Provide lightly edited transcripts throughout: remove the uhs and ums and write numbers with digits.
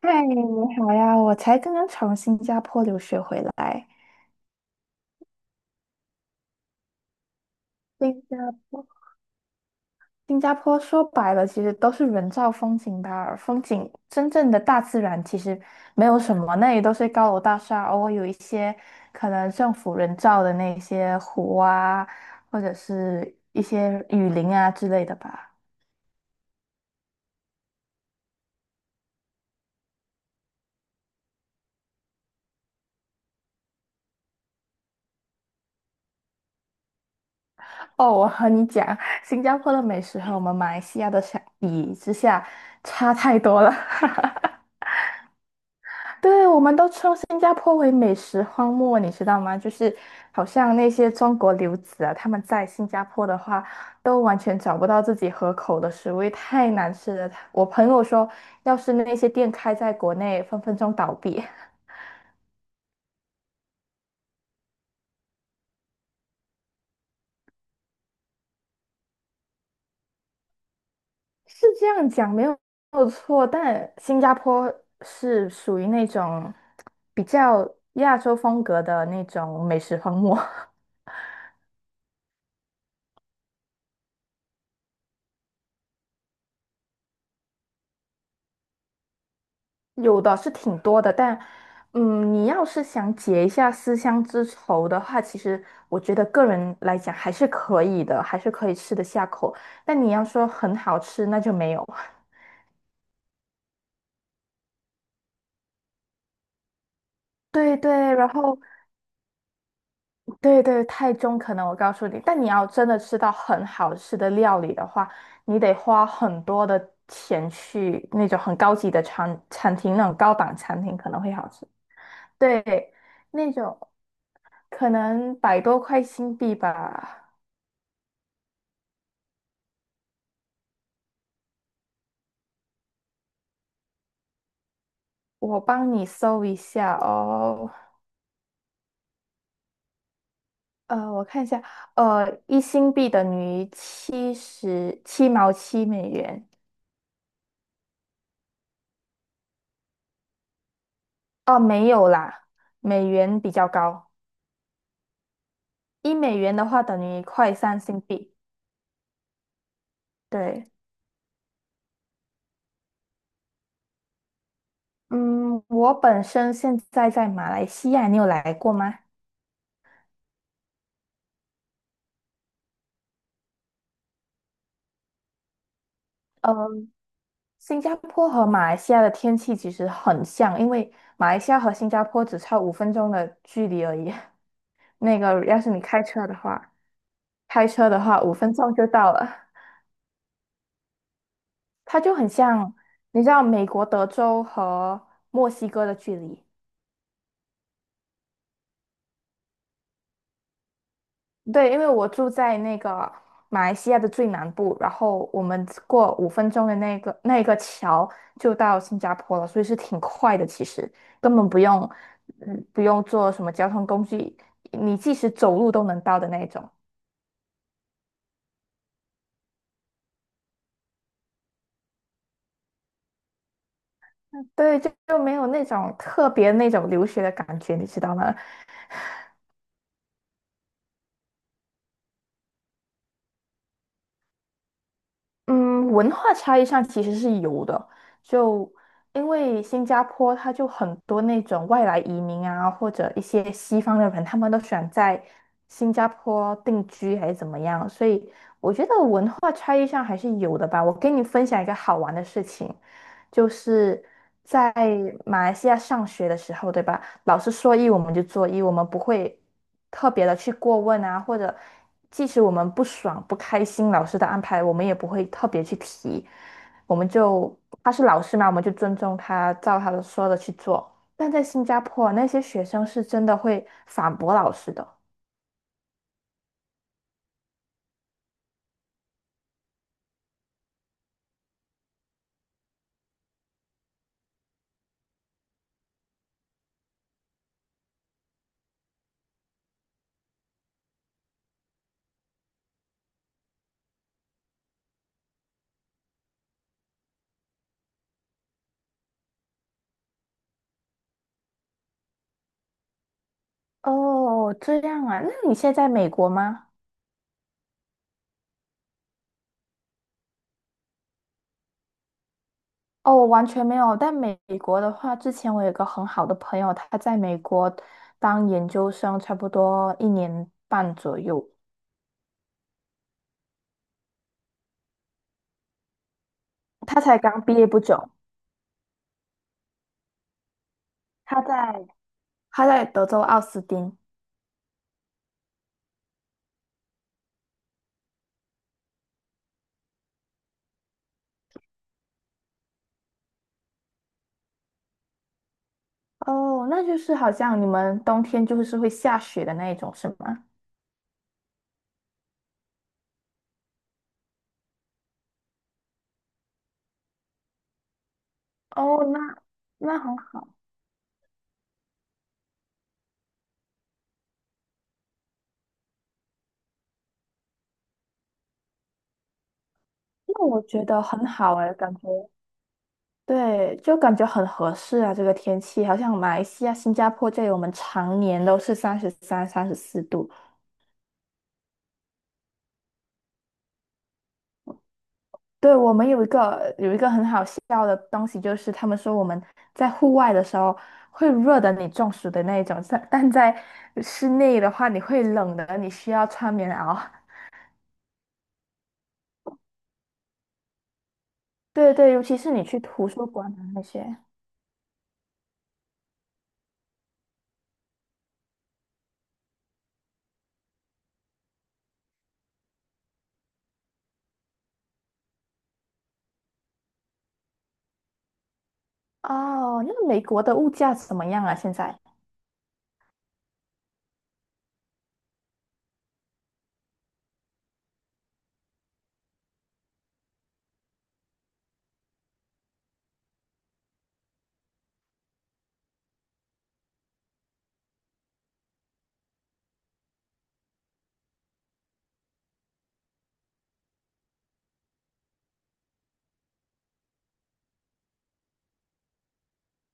嗨，你好呀！我才刚刚从新加坡留学回来。新加坡，新加坡说白了，其实都是人造风景吧。风景真正的大自然其实没有什么，那里都是高楼大厦，偶尔有一些可能政府人造的那些湖啊，或者是一些雨林啊之类的吧。哦，我和你讲，新加坡的美食和我们马来西亚的相比之下差太多了。对，我们都称新加坡为美食荒漠，你知道吗？就是好像那些中国留子啊，他们在新加坡的话，都完全找不到自己合口的食物，因为太难吃了。我朋友说，要是那些店开在国内，分分钟倒闭。是这样讲没有错，但新加坡是属于那种比较亚洲风格的那种美食荒漠。有的是挺多的，但，你要是想解一下思乡之愁的话，其实我觉得个人来讲还是可以的，还是可以吃得下口。但你要说很好吃，那就没有。对对，然后对对，太中可能我告诉你，但你要真的吃到很好吃的料理的话，你得花很多的钱去那种很高级的餐厅，那种高档餐厅可能会好吃。对，那种可能100多块新币吧。我帮你搜一下哦。我看一下，一新币等于七十七毛七美元。哦，没有啦，美元比较高。1美元的话等于1块3新币。对，嗯，我本身现在在马来西亚，你有来过吗？呃，新加坡和马来西亚的天气其实很像，因为马来西亚和新加坡只差五分钟的距离而已。那个，要是你开车的话。开车的话，五分钟就到了。它就很像，你知道美国德州和墨西哥的距离。对，因为我住在那个马来西亚的最南部，然后我们过五分钟的那个桥就到新加坡了，所以是挺快的。其实根本不用，不用坐什么交通工具，你即使走路都能到的那种。对，就没有那种特别那种留学的感觉，你知道吗？嗯，文化差异上其实是有的，就因为新加坡它就很多那种外来移民啊，或者一些西方的人，他们都选在新加坡定居还是怎么样，所以我觉得文化差异上还是有的吧。我跟你分享一个好玩的事情，就是在马来西亚上学的时候，对吧？老师说一我们就做一，我们不会特别的去过问啊，或者即使我们不爽不开心老师的安排，我们也不会特别去提，我们就他是老师嘛，我们就尊重他，照他的说的去做。但在新加坡，那些学生是真的会反驳老师的。哦，这样啊，那你现在在美国吗？哦，我完全没有。但美国的话，之前我有一个很好的朋友，他在美国当研究生，差不多1年半左右。他才刚毕业不久，他在他在德州奥斯汀。哦，那就是好像你们冬天就是会下雪的那一种，是吗？哦，那很好，那我觉得很好哎，感觉对，就感觉很合适啊，这个天气，好像马来西亚、新加坡这里，我们常年都是33、34度。对，我们有一个很好笑的东西，就是他们说我们在户外的时候会热的你中暑的那一种，但在室内的话你会冷的，你需要穿棉袄。对对，尤其是你去图书馆啊那些。哦，那美国的物价怎么样啊？现在？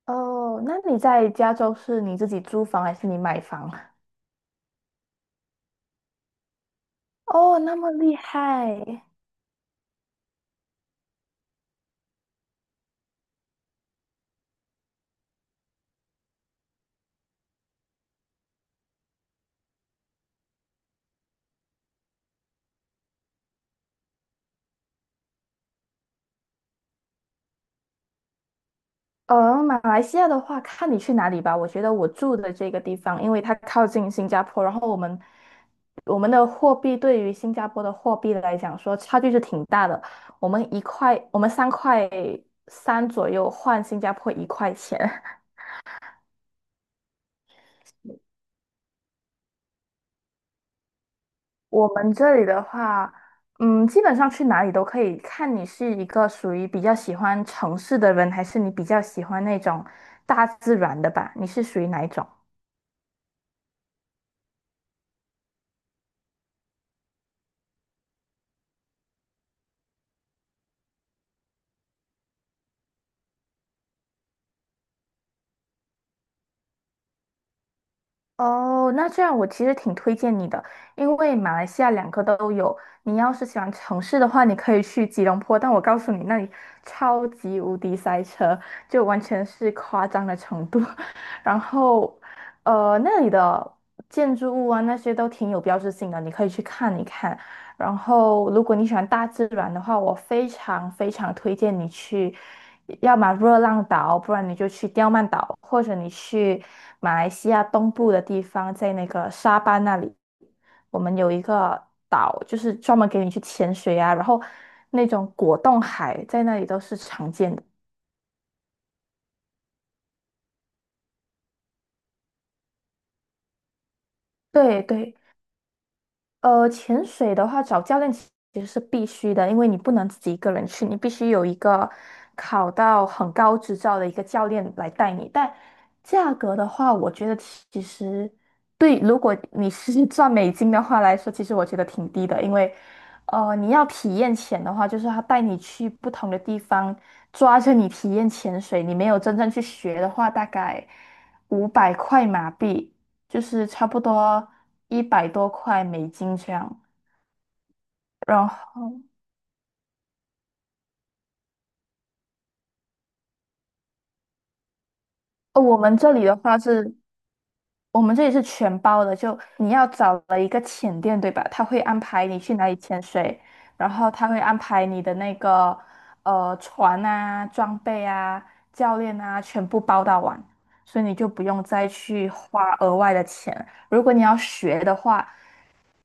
哦，那你在加州是你自己租房还是你买房？哦，那么厉害。马来西亚的话，看你去哪里吧。我觉得我住的这个地方，因为它靠近新加坡，然后我们的货币对于新加坡的货币来讲说，差距是挺大的。我们一块，我们3块3左右换新加坡1块钱。我们这里的话，基本上去哪里都可以，看你是一个属于比较喜欢城市的人，还是你比较喜欢那种大自然的吧？你是属于哪一种？哦，那这样我其实挺推荐你的，因为马来西亚两个都有。你要是喜欢城市的话，你可以去吉隆坡，但我告诉你，那里超级无敌塞车，就完全是夸张的程度。然后，那里的建筑物啊那些都挺有标志性的，你可以去看一看。然后，如果你喜欢大自然的话，我非常非常推荐你去，要么热浪岛，不然你就去刁曼岛，或者你去马来西亚东部的地方，在那个沙巴那里，我们有一个岛，就是专门给你去潜水啊，然后那种果冻海在那里都是常见的。对对，潜水的话，找教练其实是必须的，因为你不能自己一个人去，你必须有一个考到很高执照的一个教练来带你。但价格的话，我觉得其实对，如果你是 赚美金的话来说，其实我觉得挺低的，因为你要体验潜的话，就是他带你去不同的地方，抓着你体验潜水，你没有真正去学的话，大概五百块马币。就是差不多100多块美金这样。然后，呃我们这里的话是我们这里是全包的，就你要找了一个潜店，对吧？他会安排你去哪里潜水，然后他会安排你的那个船啊、装备啊、教练啊，全部包到完，所以你就不用再去花额外的钱。如果你要学的话，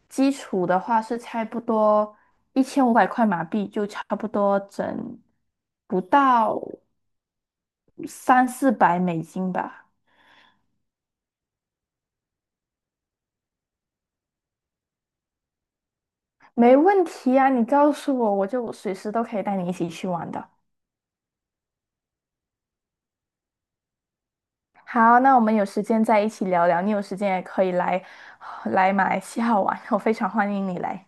基础的话是差不多1500块马币，就差不多整不到三四百美金吧。没问题啊，你告诉我，我就随时都可以带你一起去玩的。好，那我们有时间再一起聊聊，你有时间也可以来马来西亚玩，我非常欢迎你来。